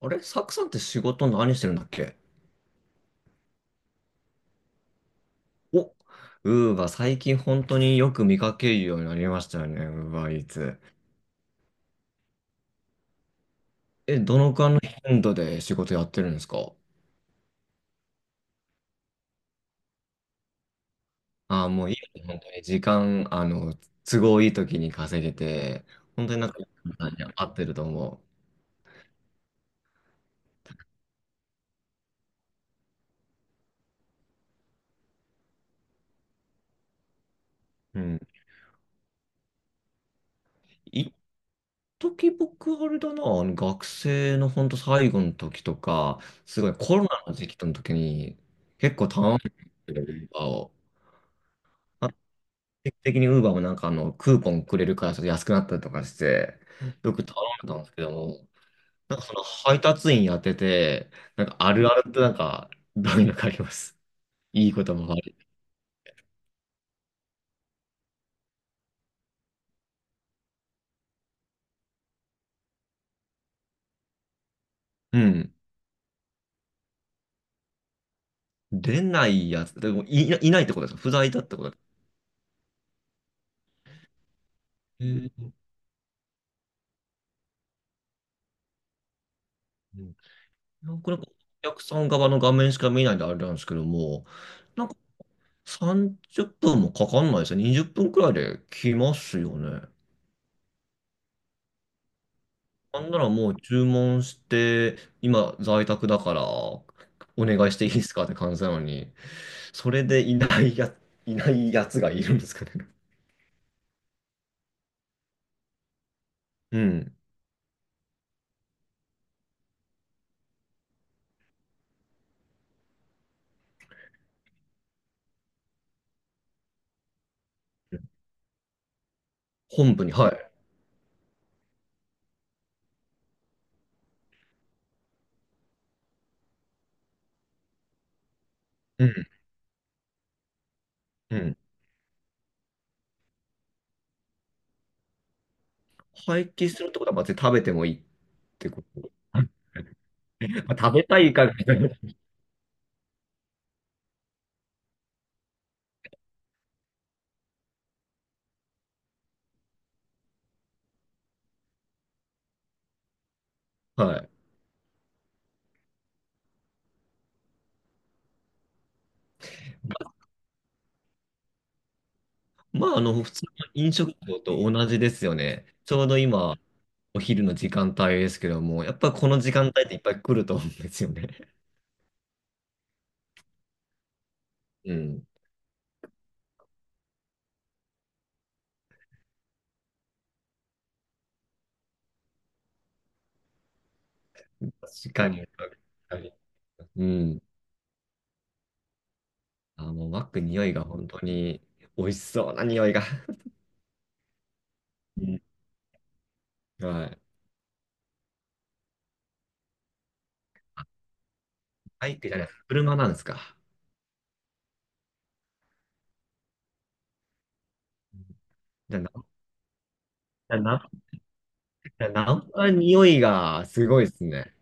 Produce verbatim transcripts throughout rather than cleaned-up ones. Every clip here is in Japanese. あれサクさんって仕事何してるんだっけ？お、ウーバー、最近本当によく見かけるようになりましたよね、ウーバーイーツ。え、どのくらいの頻度で仕事やってるんですか？ああもういいよね、本当に時間、あの、都合いい時に稼げて、本当になんか、合ってると思う。うん。一時僕、あれだな、あの学生の本当最後の時とか、すごいコロナの時期の時に、結構頼んでる、ウーバーを。定期的にウーバーもなんかあの、クーポンくれるからちょっと安くなったりとかして、よく頼んでたんですけども、なんかその配達員やってて、なんかあるあるってなんか、どういうのかあります？いいことも悪い。うん。出ないやつ、でもい、いないってことですか？不在だってことですか？えーうん。なんかなんかお客さん側の画面しか見ないんであれなんですけども、なんかさんじゅっぷんもかかんないですよ。にじゅっぷんくらいで来ますよね。なんならもう注文して、今在宅だから、お願いしていいですかって感じなのに、それでいないや、いないやつがいるんですかね。うん。本部に、はい。うん。うん。廃棄するってことは、まあ、食べてもいいってこと。まあ、食べたいかみたいな。はい。まあ、あの、普通の飲食業と同じですよね。ちょうど今、お昼の時間帯ですけども、やっぱこの時間帯っていっぱい来ると思うんですよね。うん。確かに。確かに。うん。あ、もうマック匂いが本当に美味しそうな匂いが。うん。はい。バイクじゃない、車なんですか？じゃあ、な、じゃあな、じゃあナンパの匂いがすごいですね。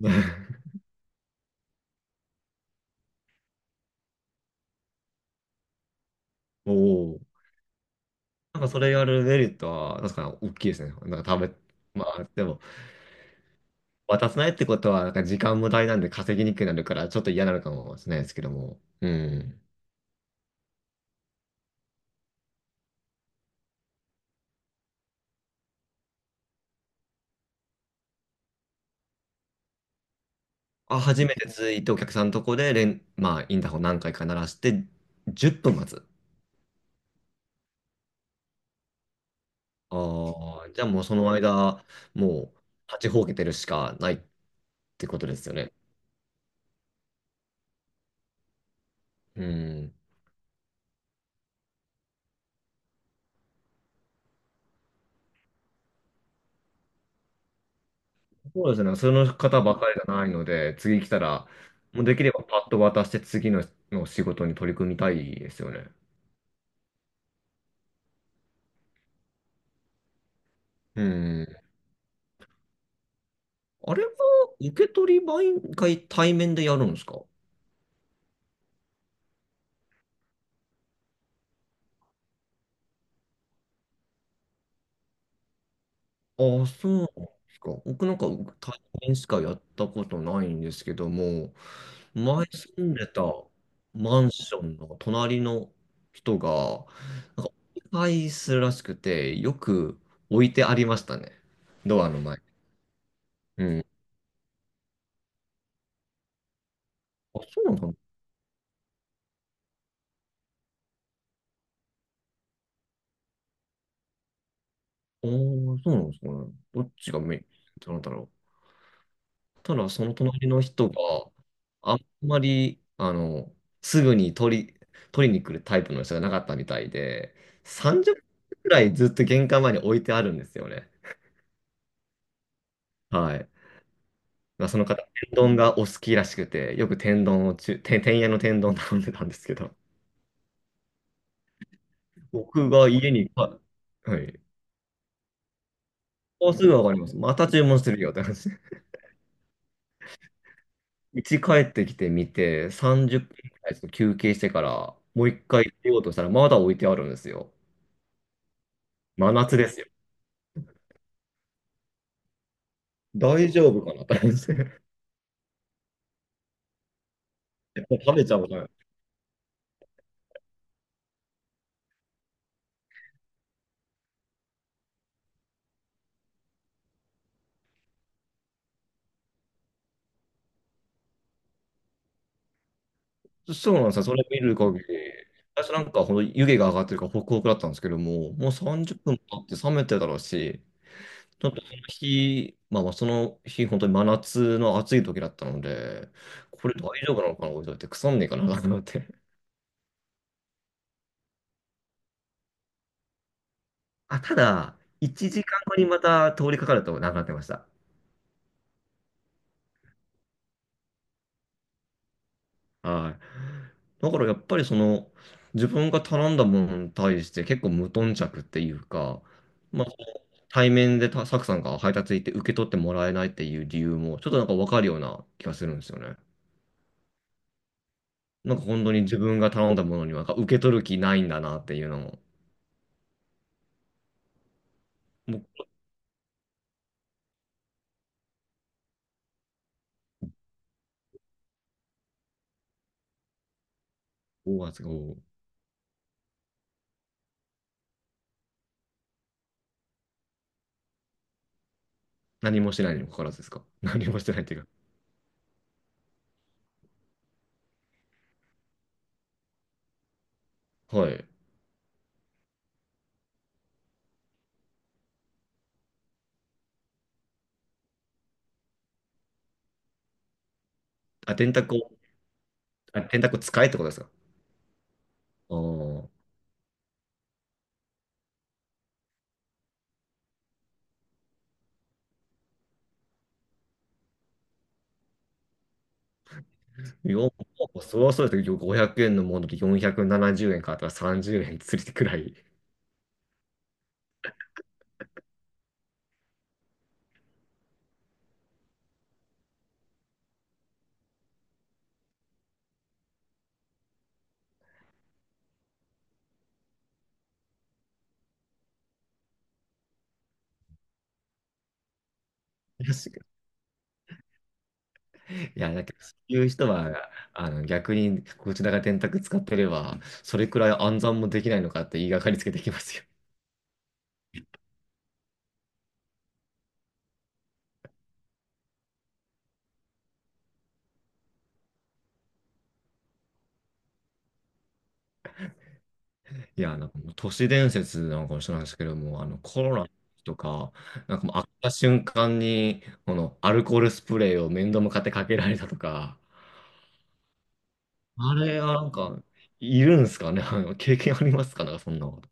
おお。なんかそれやるメリットは、確かに大きいですね。なんか食べ、まあ、でも、渡さないってことは、なんか時間無駄になんで稼ぎにくくなるから、ちょっと嫌なのかもしれないですけども。うん。あ、初めてついてお客さんのとこで連、まあ、インターホン何回か鳴らして、じゅっぷん待つ。ああ、じゃあもうその間、もう、立ちほうけてるしかないってことですよね。うん。そうですね。その方ばかりじゃないので、次来たら、もうできればパッと渡して次の、の仕事に取り組みたいですよね。うん。あれは、受け取り毎回対面でやるんですか？ああ、そうなんですか。僕なんか対面しかやったことないんですけども、前住んでたマンションの隣の人が、なんか、お願いするらしくて、よく置いてありましたね。ドアの前。うん。あ、そうなのかな？ああ、そうなんですかね。どっちがメインなんだろ？ただその隣の人があんまり、あの、すぐに取り、取りに来るタイプの人がなかったみたいで、さんじゅっぷんくらいずっと玄関前に置いてあるんですよね。はい。まあ、その方、天丼がお好きらしくて、よく天丼をちゅ、て天屋の天丼頼んでたんですけど、僕が家に、あはい。もうすぐわかります。また注文するよって話。家帰ってきてみて、さんじゅっぷんくらいちょっと休憩してから、もう一回出ようとしたら、まだ置いてあるんですよ。真夏ですよ。大丈夫かなって感じです。食べちゃうから。そうなんですよ。それ見る限り。最初なんか、ほんと湯気が上がってるからホクホクだったんですけども、もうさんじゅっぷん経って冷めてたろうし、ちょっとその日、まあまあその日、本当に真夏の暑い時だったので、これ大丈夫なのかな、置いといて、腐んねえかなと思って。あ、ただ、いちじかんごにまた通りかかるとなくなってました。はい。だからやっぱりその、自分が頼んだものに対して結構無頓着っていうか、まあ、対面でたサクさんが配達行って受け取ってもらえないっていう理由も、ちょっとなんかわかるような気がするんですよね。なんか本当に自分が頼んだものにはなんか受け取る気ないんだなっていうのも、僕はすつが何もしてないにもかかわらずですか？何もしてないっていうか。はい。あ、電卓を、あ、電卓使えってことですか？ああー。よ、そうそうですけど、ごひゃくえんのものでよんひゃくななじゅうえん買ったらさんじゅうえんつりてくらい。いやしいや、だけど、そういう人は、あの、逆に、こちらが電卓使ってれば、それくらい暗算もできないのかって言いがかりつけてきますよ。いや、なんかもう都市伝説なのかもしれないですけども、あの、コロナとか、なんかもう、開けた瞬間に、この、アルコールスプレーを面倒向かってかけられたとか、あれはなんか、いるんですかね？ あの経験ありますか？なんか、そんなこと。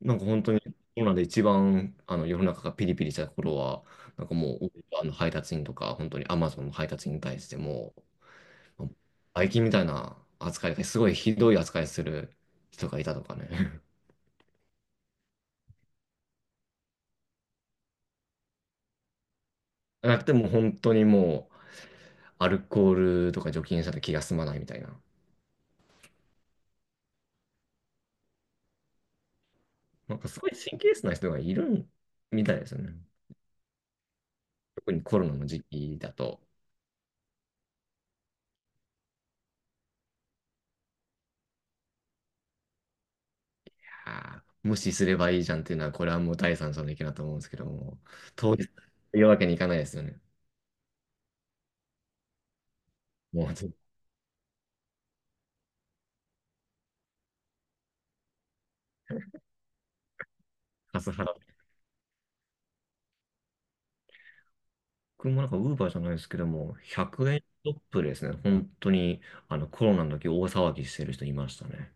なんか本当にコロナで一番あの世の中がピリピリした頃は、なんかもうあの配達員とか、本当にアマゾンの配達員に対しても、バイキンみたいな扱い、すごいひどい扱いする人がいたとかね。なくても本当にもうアルコールとか除菌したら気が済まないみたいな。なんかすごい神経質な人がいるみたいですよね。特にコロナの時期だと、あー無視すればいいじゃんっていうのは、これはもう第三者の意見だと思うんですけども、当日、言うわけにいかないですよね。もう、笠原。僕もなんか、ウーバーじゃないですけども、ひゃくえんショップですね。本当に、あの、コロナの時大騒ぎしてる人いましたね。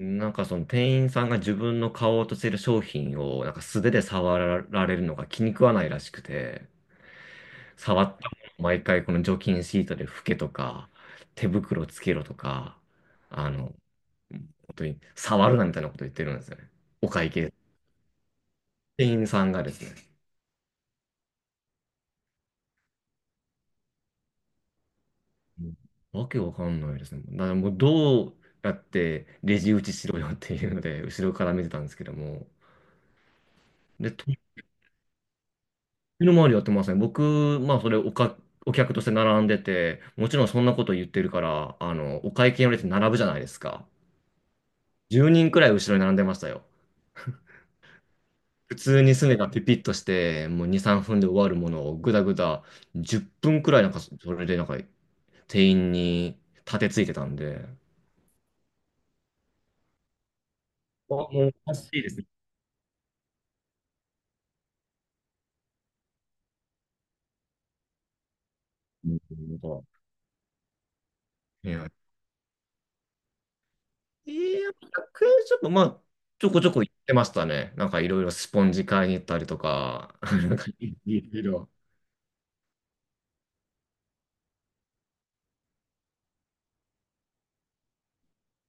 なんかその店員さんが自分の買おうとしてる商品をなんか素手で触られるのが気に食わないらしくて、触ったものを毎回この除菌シートで拭けとか、手袋つけろとか、あの、本当に触るなみたいなこと言ってるんですよね。お会計。店員さんがですね。わけわかんないですね。だからもうどうやってレジ打ちしろよっていうので、後ろから見てたんですけども。で、とっの周りやってません。僕、まあそれおか、お客として並んでて、もちろんそんなこと言ってるから、あの、お会計の列並ぶじゃないですか。じゅうにんくらい後ろに並んでましたよ。普通にすねがピピッとして、もうに、さんぷんで終わるものをぐだぐだじゅっぷんくらいなんかそれでなんか店員に立てついてたんで、あもうおかしいですね。うん。いやいや、ひゃくえんショップ、まあ、ちょこちょこ行ってましたね。なんかいろいろスポンジ買いに行ったりとか、なんかいろいろ。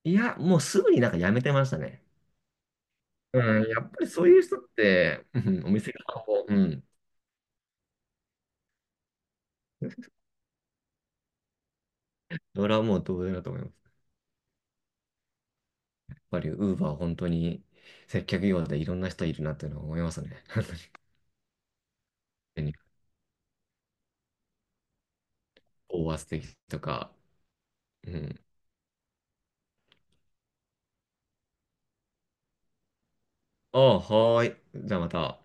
いや、もうすぐになんかやめてましたね。うん、やっぱりそういう人って、うんお店側も、うん、それはもう同然だと思います。やっぱりウーバー本当に接客業でいろんな人いるなっていうのは思いますね。本当に。オーバーステーキとか。うん。ああ、はーい。じゃあまた。